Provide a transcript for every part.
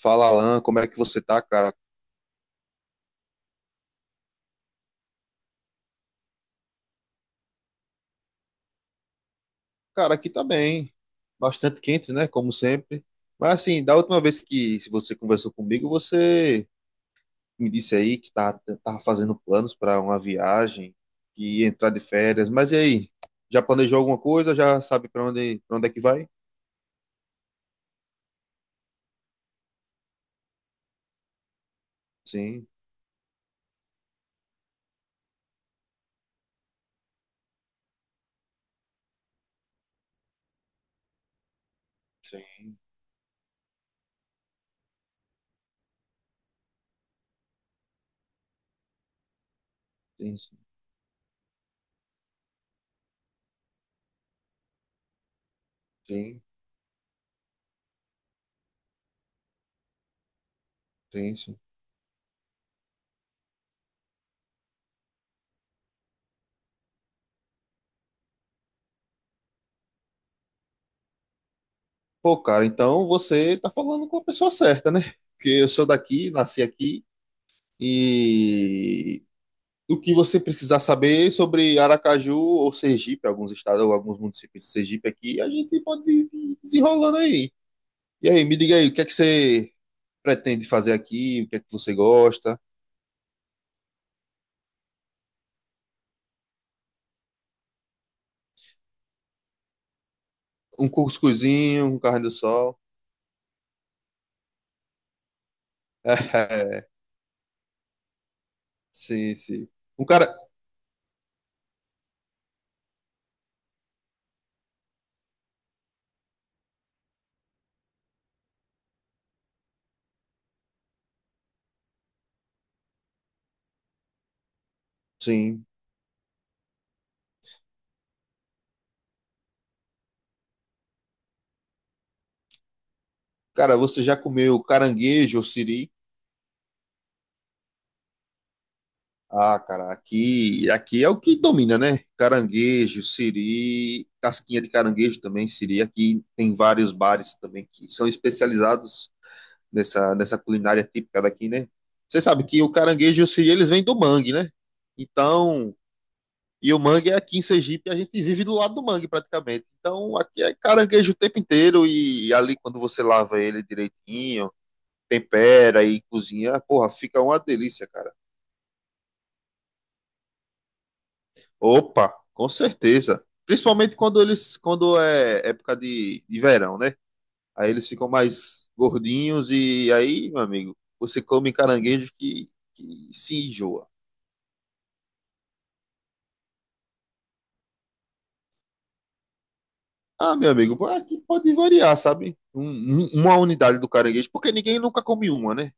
Fala, Alan, como é que você tá, cara? Cara, aqui tá bem. Bastante quente, né? Como sempre. Mas assim, da última vez que você conversou comigo, você me disse aí que tava fazendo planos para uma viagem, que ia entrar de férias. Mas e aí? Já planejou alguma coisa? Já sabe para onde é que vai? Sim, sim. Sim, sim, sim, sim. Pô, cara, então você tá falando com a pessoa certa, né? Porque eu sou daqui, nasci aqui do que você precisar saber sobre Aracaju ou Sergipe, alguns estados ou alguns municípios de Sergipe aqui, a gente pode ir desenrolando aí. E aí, me diga aí, o que é que você pretende fazer aqui? O que é que você gosta? Um cuscuzinho, um carne do sol? É, sim, sim. Um cara, sim. Cara, você já comeu caranguejo ou siri? Ah, cara, aqui é o que domina, né? Caranguejo, siri, casquinha de caranguejo também, siri. Aqui tem vários bares também que são especializados nessa culinária típica daqui, né? Você sabe que o caranguejo e o siri, eles vêm do mangue, né? Então, e o mangue é aqui em Sergipe, a gente vive do lado do mangue praticamente. Então, aqui é caranguejo o tempo inteiro e ali quando você lava ele direitinho, tempera e cozinha, porra, fica uma delícia, cara. Opa, com certeza. Principalmente quando eles, quando é época de verão, né? Aí eles ficam mais gordinhos e aí, meu amigo, você come caranguejo que se enjoa. Ah, meu amigo, aqui pode variar, sabe? Uma unidade do caranguejo, porque ninguém nunca come uma, né?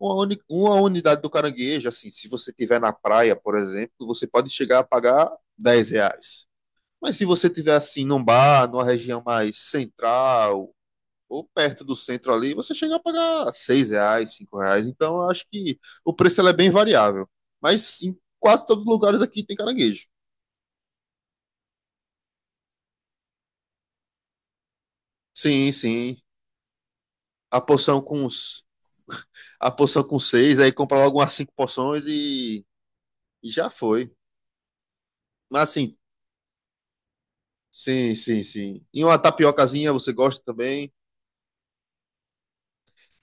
Uma, uma unidade do caranguejo, assim, se você tiver na praia, por exemplo, você pode chegar a pagar R$ 10. Mas se você tiver assim num bar, numa região mais central, ou perto do centro ali, você chega a pagar R$ 6, R$ 5. Então, eu acho que o preço ele é bem variável. Mas em quase todos os lugares aqui tem caranguejo. Sim, sim. A porção com os- a porção com seis, aí compra logo umas cinco porções e já foi. Mas assim, sim, sim, sim. E uma tapiocazinha você gosta também?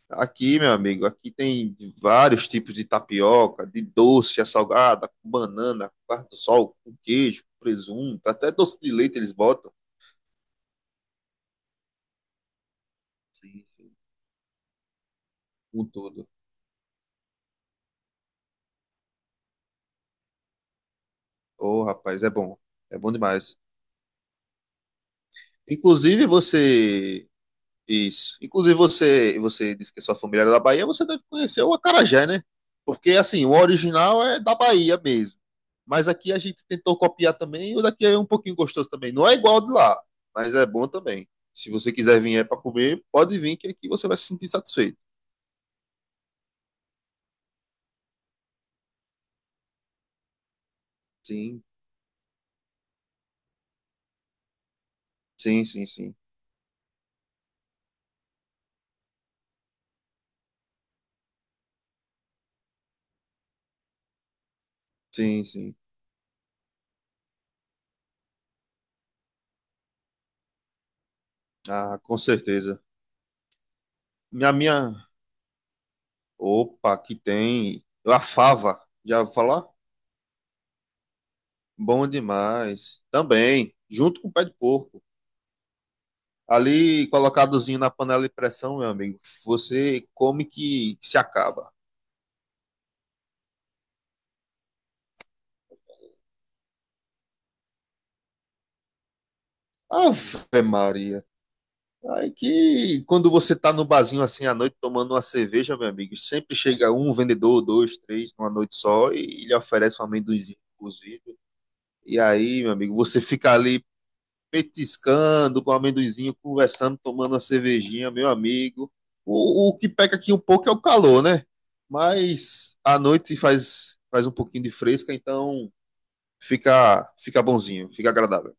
Aqui, meu amigo, aqui tem vários tipos de tapioca, de doce, a salgada, com banana, com carne do sol, com queijo, com presunto, até doce de leite eles botam. Sim, sim. Com tudo. Ô, rapaz, é bom. É bom demais. Inclusive você. Isso. Inclusive você, você disse que é sua família era da Bahia, você deve conhecer o acarajé, né? Porque assim, o original é da Bahia mesmo. Mas aqui a gente tentou copiar também, e o daqui é um pouquinho gostoso também. Não é igual ao de lá, mas é bom também. Se você quiser vir é para comer, pode vir que aqui você vai se sentir satisfeito. Sim, sim, sim, sim. Sim, sim. Ah, com certeza. Minha opa, que tem a fava, já vou falar? Bom demais. Também, junto com o pé de porco. Ali, colocadozinho na panela de pressão, meu amigo, você come que se acaba. Ave Maria. Aí que quando você tá no barzinho assim à noite tomando uma cerveja, meu amigo, sempre chega um vendedor, dois, três, numa noite só, e lhe oferece um amendoinzinho cozido. E aí, meu amigo, você fica ali petiscando com um amendoinzinho, conversando, tomando uma cervejinha, meu amigo. O que peca aqui um pouco é o calor, né? Mas à noite faz um pouquinho de fresca, então fica bonzinho, fica agradável.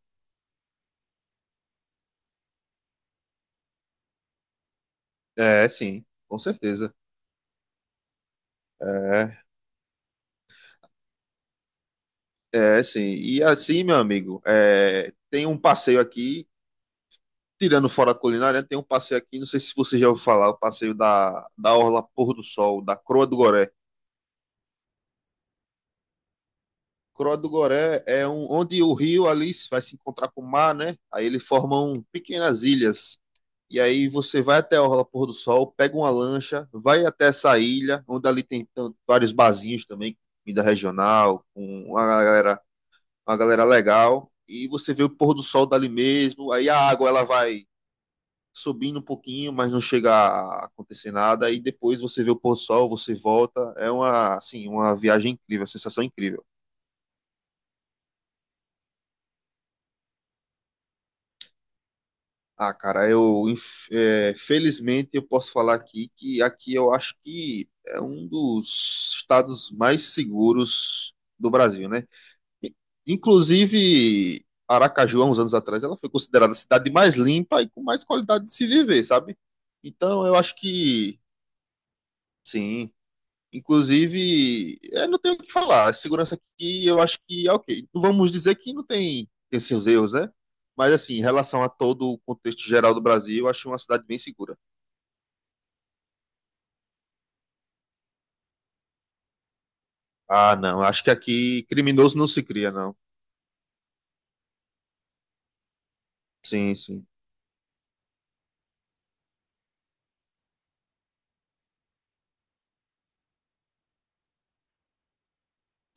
É, sim, com certeza. É, é sim. E assim, meu amigo, é, tem um passeio aqui, tirando fora a culinária, tem um passeio aqui, não sei se você já ouviu falar, o passeio da Orla Pôr do Sol, da Croa do Goré. Croa do Goré é um, onde o rio ali vai se encontrar com o mar, né? Aí eles formam pequenas ilhas. E aí você vai até a Orla Pôr do Sol, pega uma lancha, vai até essa ilha, onde ali vários barzinhos também, comida regional, com uma galera legal. E você vê o pôr do sol dali mesmo. Aí a água ela vai subindo um pouquinho, mas não chega a acontecer nada. Aí depois você vê o pôr do sol, você volta. É uma, assim, uma viagem incrível, uma sensação incrível. Ah, cara, eu felizmente eu posso falar aqui que aqui eu acho que é um dos estados mais seguros do Brasil, né? I- Inclusive, Aracaju, há uns anos atrás, ela foi considerada a cidade mais limpa e com mais qualidade de se viver, sabe? Então, eu acho que sim. Inclusive, é, não tenho o que falar. A segurança aqui eu acho que é ok. Não vamos dizer que não tem, tem seus erros, né? Mas assim, em relação a todo o contexto geral do Brasil, eu acho uma cidade bem segura. Ah, não. Acho que aqui criminoso não se cria, não. Sim, sim.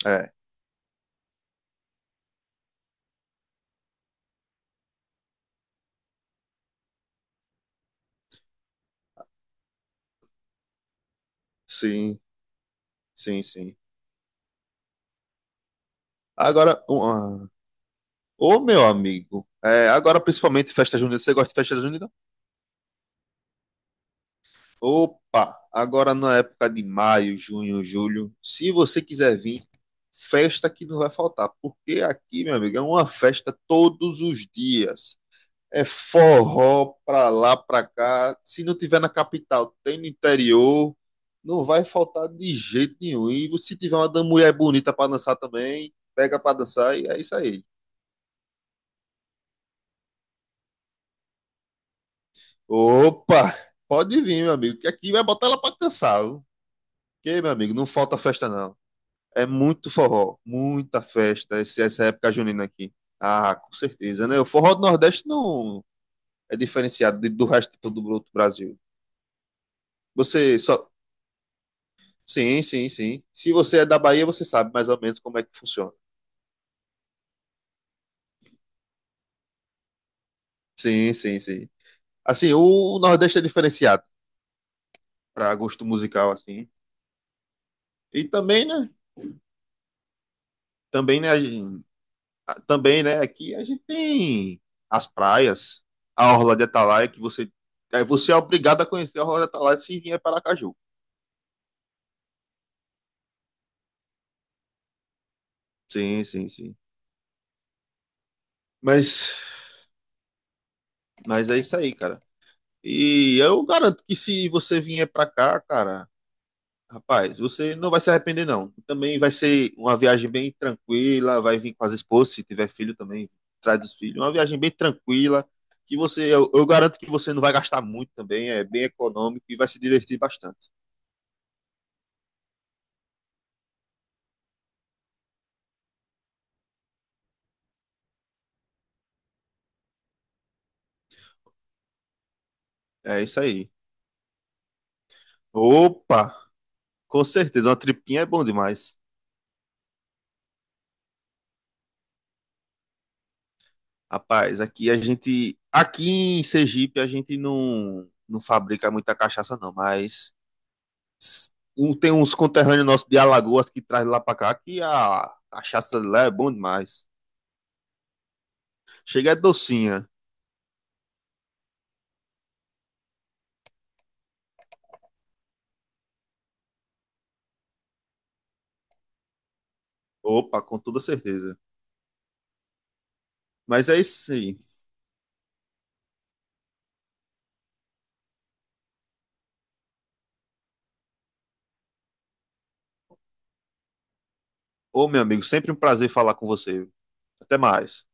É. Sim, sim, sim. Agora, um, ah, ô meu amigo, é, agora principalmente festa junina. Você gosta de festa junina? Opa, agora na época de maio, junho, julho, se você quiser vir, festa que não vai faltar, porque aqui, meu amigo, é uma festa todos os dias. É forró pra lá, pra cá. Se não tiver na capital, tem no interior. Não vai faltar de jeito nenhum. E se tiver uma mulher bonita pra dançar também, pega pra dançar e é isso aí. Opa, pode vir, meu amigo, que aqui vai botar ela pra cansar, viu? Que, meu amigo, não falta festa não. É muito forró, muita festa, essa época junina aqui. Ah, com certeza, né? O forró do Nordeste não é diferenciado do resto de todo o outro Brasil. Você só. Sim, sim, sim. Se você é da Bahia, você sabe mais ou menos como é que funciona. Sim, sim, sim. Assim, o Nordeste é diferenciado para gosto musical, assim. E também, né? Também, né? a gente- Também, né? Aqui a gente tem as praias, a Orla de Atalaia, que você. É, você é obrigado a conhecer a Orla de Atalaia se vier para Aracaju. Sim, sim, sim. Mas, mas é isso aí, cara. E eu garanto que se você vier pra cá, cara, rapaz, você não vai se arrepender, não. Também vai ser uma viagem bem tranquila, vai vir com as esposas, se tiver filho também, traz os filhos. Uma viagem bem tranquila, que você, eu garanto que você não vai gastar muito também, é bem econômico e vai se divertir bastante. É isso aí. Opa, com certeza, uma tripinha é bom demais. Rapaz, aqui a gente. Aqui em Sergipe a gente não fabrica muita cachaça, não, mas s- tem uns conterrâneos nossos de Alagoas que traz lá pra cá que a cachaça de lá é bom demais. Chega é docinha. Opa, com toda certeza. Mas é isso aí. Ô, meu amigo, sempre um prazer falar com você. Até mais.